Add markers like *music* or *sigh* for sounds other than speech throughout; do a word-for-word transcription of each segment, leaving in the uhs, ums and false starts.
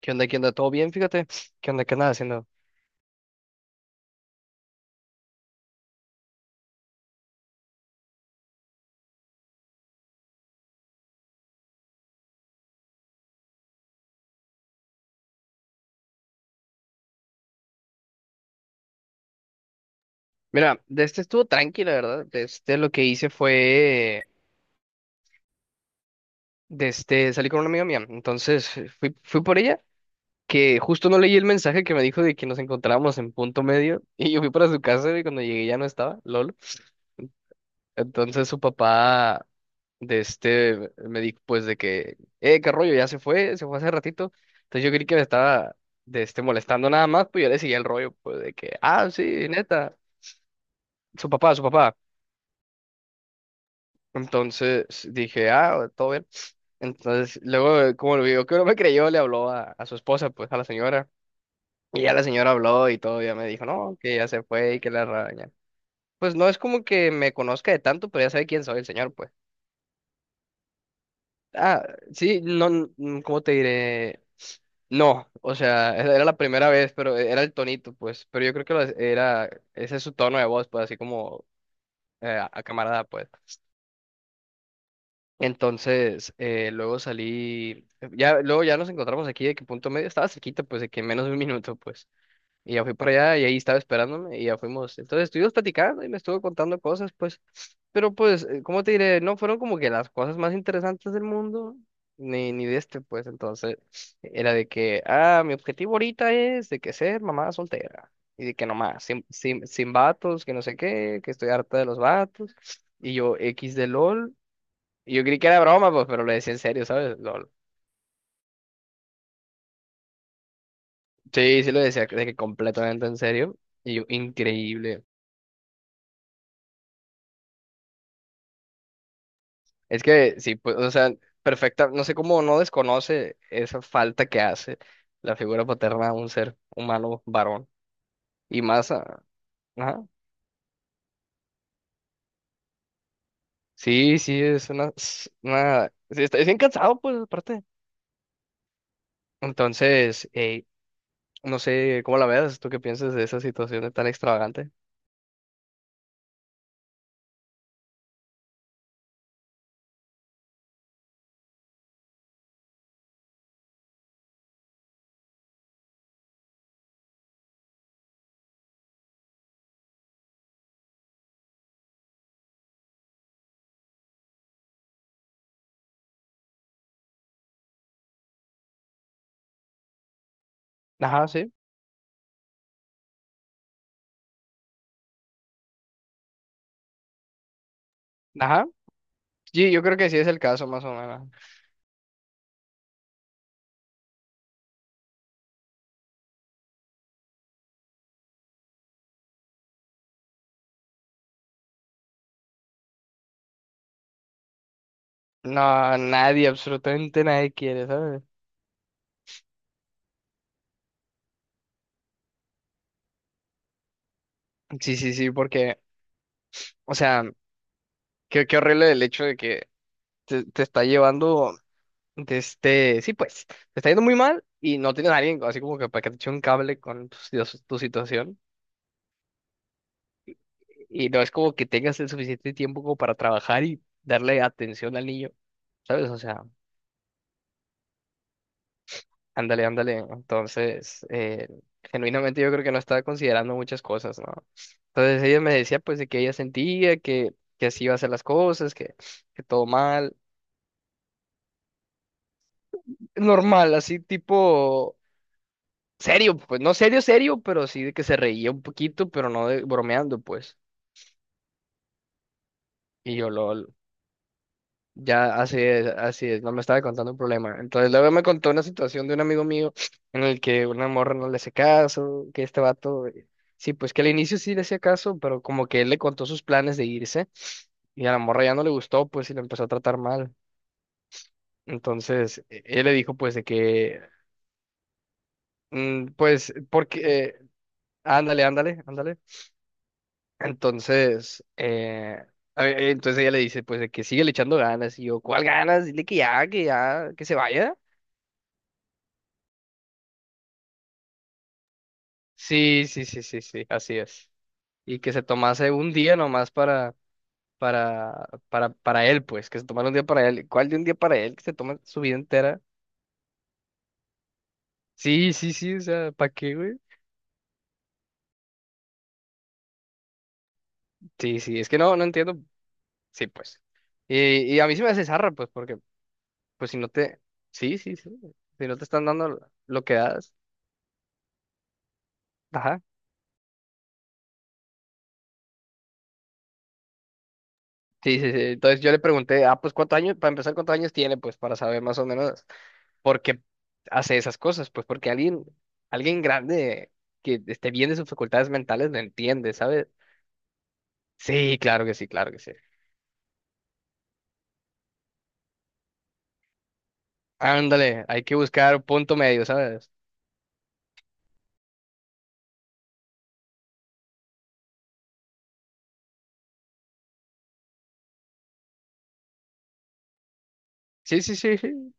¿Qué onda? ¿Qué onda? ¿Todo bien? Fíjate. ¿Qué onda? ¿Qué andas haciendo? Mira, de este estuvo tranquila, ¿verdad? De este lo que hice fue, de este, salí con una amiga mía. Entonces eh, fui, fui por ella, que justo no leí el mensaje que me dijo de que nos encontrábamos en punto medio. *laughs* Y yo fui para su casa y cuando llegué ya no estaba, lol. Entonces su papá, de este, me dijo pues de que, eh, qué rollo, ya se fue, se fue hace ratito. Entonces yo creí que me estaba, de este, molestando nada más, pues yo le seguía el rollo, pues de que, ah, sí, neta, su papá, su papá. Entonces dije, ah, todo bien. Entonces, luego, como lo vio que no me creyó, le habló a, a su esposa, pues a la señora. Y ya la señora habló y todo, ya me dijo, no, que ya se fue y que la raña. Pues no es como que me conozca de tanto, pero ya sabe quién soy el señor, pues. Ah, sí, no, mm, ¿cómo te diré? No, o sea, era era la primera vez, pero era el tonito, pues. Pero yo creo que lo- era, ese es su tono de voz, pues, así como eh, a camarada, pues. Entonces, eh, luego salí, ya, luego ya nos encontramos aquí de que punto medio, estaba cerquita, pues de que menos de un minuto, pues. Y ya fui para allá y ahí estaba esperándome y ya fuimos. Entonces estuvimos platicando y me estuvo contando cosas, pues. Pero pues, eh, ¿cómo te diré? No fueron como que las cosas más interesantes del mundo, ni, ni de este, pues. Entonces, era de que, ah, mi objetivo ahorita es de que ser mamá soltera. Y de que nomás, sin, sin, sin vatos, que no sé qué, que estoy harta de los vatos. Y yo, X de LOL. Yo creí que era broma, pues, pero lo decía en serio, ¿sabes? Lol. Sí, sí lo decía de que completamente en serio. Y yo, increíble. Es que sí, pues, o sea, perfecta. No sé cómo no desconoce esa falta que hace la figura paterna a un ser humano varón. Y más, a- ajá. Sí, sí, es una, es una, sí, está, es bien cansado, pues, aparte. Entonces, eh, no sé cómo la veas, tú qué piensas de esa situación tan extravagante. Ajá, sí. Ajá. Sí, yo creo que sí es el caso, más o menos. No, nadie, absolutamente nadie quiere, ¿sabes? Sí, sí, sí, porque, o sea, qué, qué horrible el hecho de que te, te está llevando de este, sí, pues, te está yendo muy mal y no tienes a alguien así como que para que te eche un cable con tu, si- tu situación y no es como que tengas el suficiente tiempo como para trabajar y darle atención al niño, ¿sabes? O sea, ándale, ándale. Entonces, eh, genuinamente yo creo que no estaba considerando muchas cosas, ¿no? Entonces ella me decía pues de que ella sentía que, que así iba a ser las cosas, que, que todo mal. Normal, así tipo serio, pues no serio, serio, pero sí de que se reía un poquito, pero no de- bromeando, pues. Y yo, lol. Ya, así es, así es, no me estaba contando un problema. Entonces luego me contó una situación de un amigo mío en el que una morra no le hace caso, que este vato, eh, sí, pues que al inicio sí le hacía caso, pero como que él le contó sus planes de irse y a la morra ya no le gustó, pues y lo empezó a tratar mal. Entonces e- él le dijo pues de que, mm, pues, porque, eh, ándale, ándale, ándale. Entonces, eh, a- entonces ella le dice pues de que sigue le echando ganas y yo, ¿cuál ganas? Dile que ya, que ya, que se vaya. Sí, sí, sí, sí, sí, así es. Y que se tomase un día nomás para, para, para, para él, pues, que se tomara un día para él. ¿Cuál de un día para él que se toma su vida entera? Sí, sí, sí, o sea, ¿para qué, güey? Sí, sí, es que no, no entiendo. Sí, pues. Y, y a mí sí me hace zarra, pues, porque, pues, si no te, sí, sí, sí, si no te están dando lo lo que das, ajá. Sí, sí, sí. Entonces yo le pregunté, ah, pues, ¿cuántos años? Para empezar, ¿cuántos años tiene? Pues, para saber más o menos. ¿Por qué hace esas cosas? Pues porque alguien, alguien grande que esté bien de sus facultades mentales lo entiende, ¿sabes? Sí, claro que sí, claro que sí. Ándale, hay que buscar un punto medio, ¿sabes? Sí, sí, sí, sí.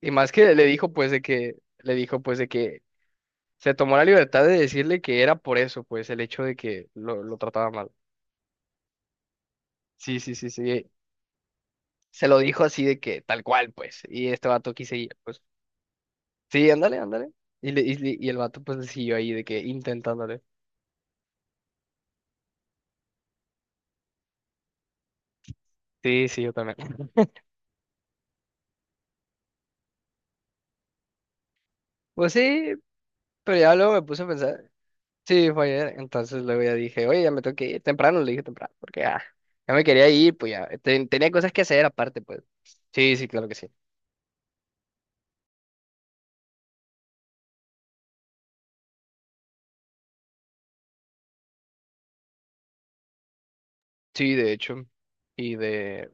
Y más que le dijo, pues, de que, le dijo, pues, de que se tomó la libertad de decirle que era por eso, pues, el hecho de que lo, lo trataba mal. Sí, sí, sí, sí. Se lo dijo así de que tal cual, pues. Y este vato quise ir, pues. Sí, ándale, ándale. Y, le- y, le- y el vato, pues, le siguió ahí de que intentándole. Sí, sí, yo también. Pues sí, pero ya luego me puse a pensar. Sí, fue ayer. Entonces luego ya dije, oye, ya me tengo que ir temprano, le dije temprano, porque ya, ya me quería ir, pues ya. Ten- tenía cosas que hacer aparte, pues. Sí, sí, claro que sí. Sí, de hecho. Y de.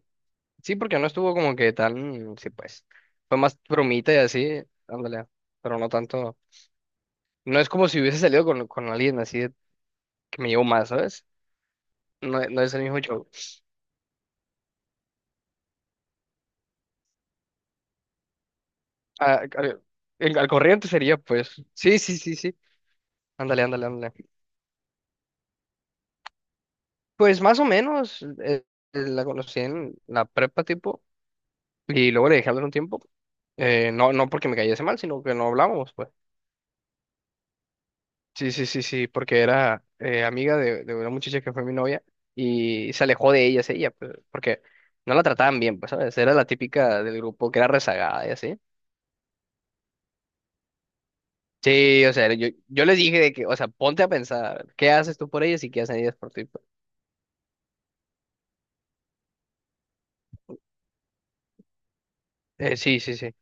Sí, porque no estuvo como que tan. Sí, pues. Fue más bromita y así. Ándale. Pero no tanto. No es como si hubiese salido con, con alguien así de- que me llevó más, ¿sabes? No, no es el mismo show. Ah, al, al- al corriente sería, pues. Sí, sí, sí, sí. Ándale, ándale, ándale. Pues más o menos, eh, eh, la conocí en la prepa tipo, y luego le dejé hablar un tiempo. Eh, no, no porque me cayese mal, sino que no hablábamos, pues. Sí, sí, sí, sí, porque era eh, amiga de, de una muchacha que fue mi novia y se alejó de ellas, ella, pues, porque no la trataban bien, pues, ¿sabes? Era la típica del grupo que era rezagada y así. Sí, o sea, yo, yo les dije de que, o sea, ponte a pensar, ¿qué haces tú por ellas y qué hacen ellas por ti, pues? Eh, sí, sí, sí.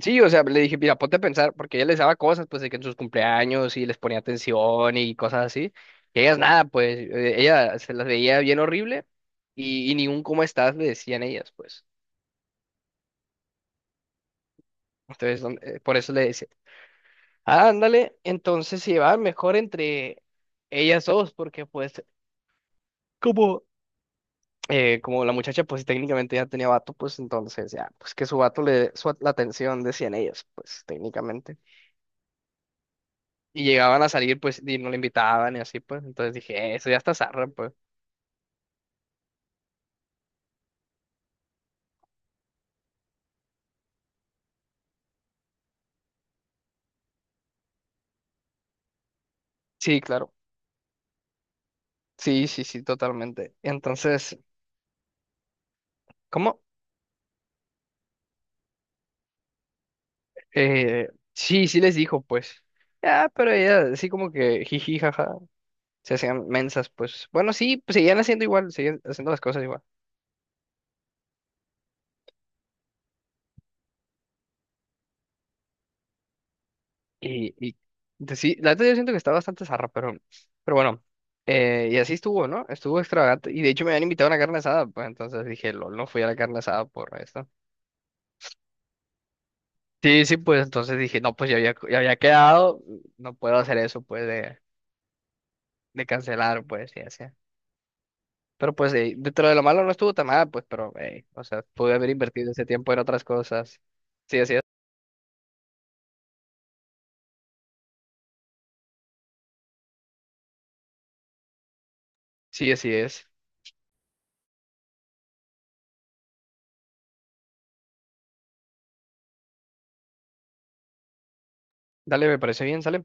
Sí, o sea, le dije, mira, ponte a pensar, porque ella les daba cosas, pues, de que en sus cumpleaños y les ponía atención y cosas así. Y ellas nada, pues, eh, ella se las veía bien horrible y, y ni un cómo estás le decían ellas, pues. Entonces, don- eh, por eso le decía, ah, ándale, entonces se llevaban mejor entre ellas dos, porque pues, como, eh, como la muchacha, pues, técnicamente ya tenía vato, pues, entonces, ya, pues, que su vato le, su, la atención decían ellas, pues, técnicamente. Y llegaban a salir, pues, y no le invitaban y así, pues. Entonces dije, "Eh, eso ya está zarra, pues. Sí, claro. Sí, sí, sí, totalmente. Entonces, ¿cómo? Eh, sí, sí les dijo, pues. Ya, pero ella, así como que jiji, jaja. Se hacían mensas, pues. Bueno, sí, pues seguían haciendo igual, seguían haciendo las cosas igual. Y, y de- sí, la verdad yo siento que está bastante zarra, pero, pero bueno. Eh, y así estuvo, ¿no? Estuvo extravagante. Y de hecho me habían invitado a una carne asada, pues. Entonces dije, lol, no fui a la carne asada por esto. Sí, sí, pues entonces dije, no, pues ya había, ya había quedado, no puedo hacer eso, pues, de, de cancelar, pues, y así. Pero pues, eh, dentro de lo malo no estuvo tan mal, pues, pero, eh, o sea, pude haber invertido ese tiempo en otras cosas. Sí, así es. Sí, así es. Dale, me parece bien, sale.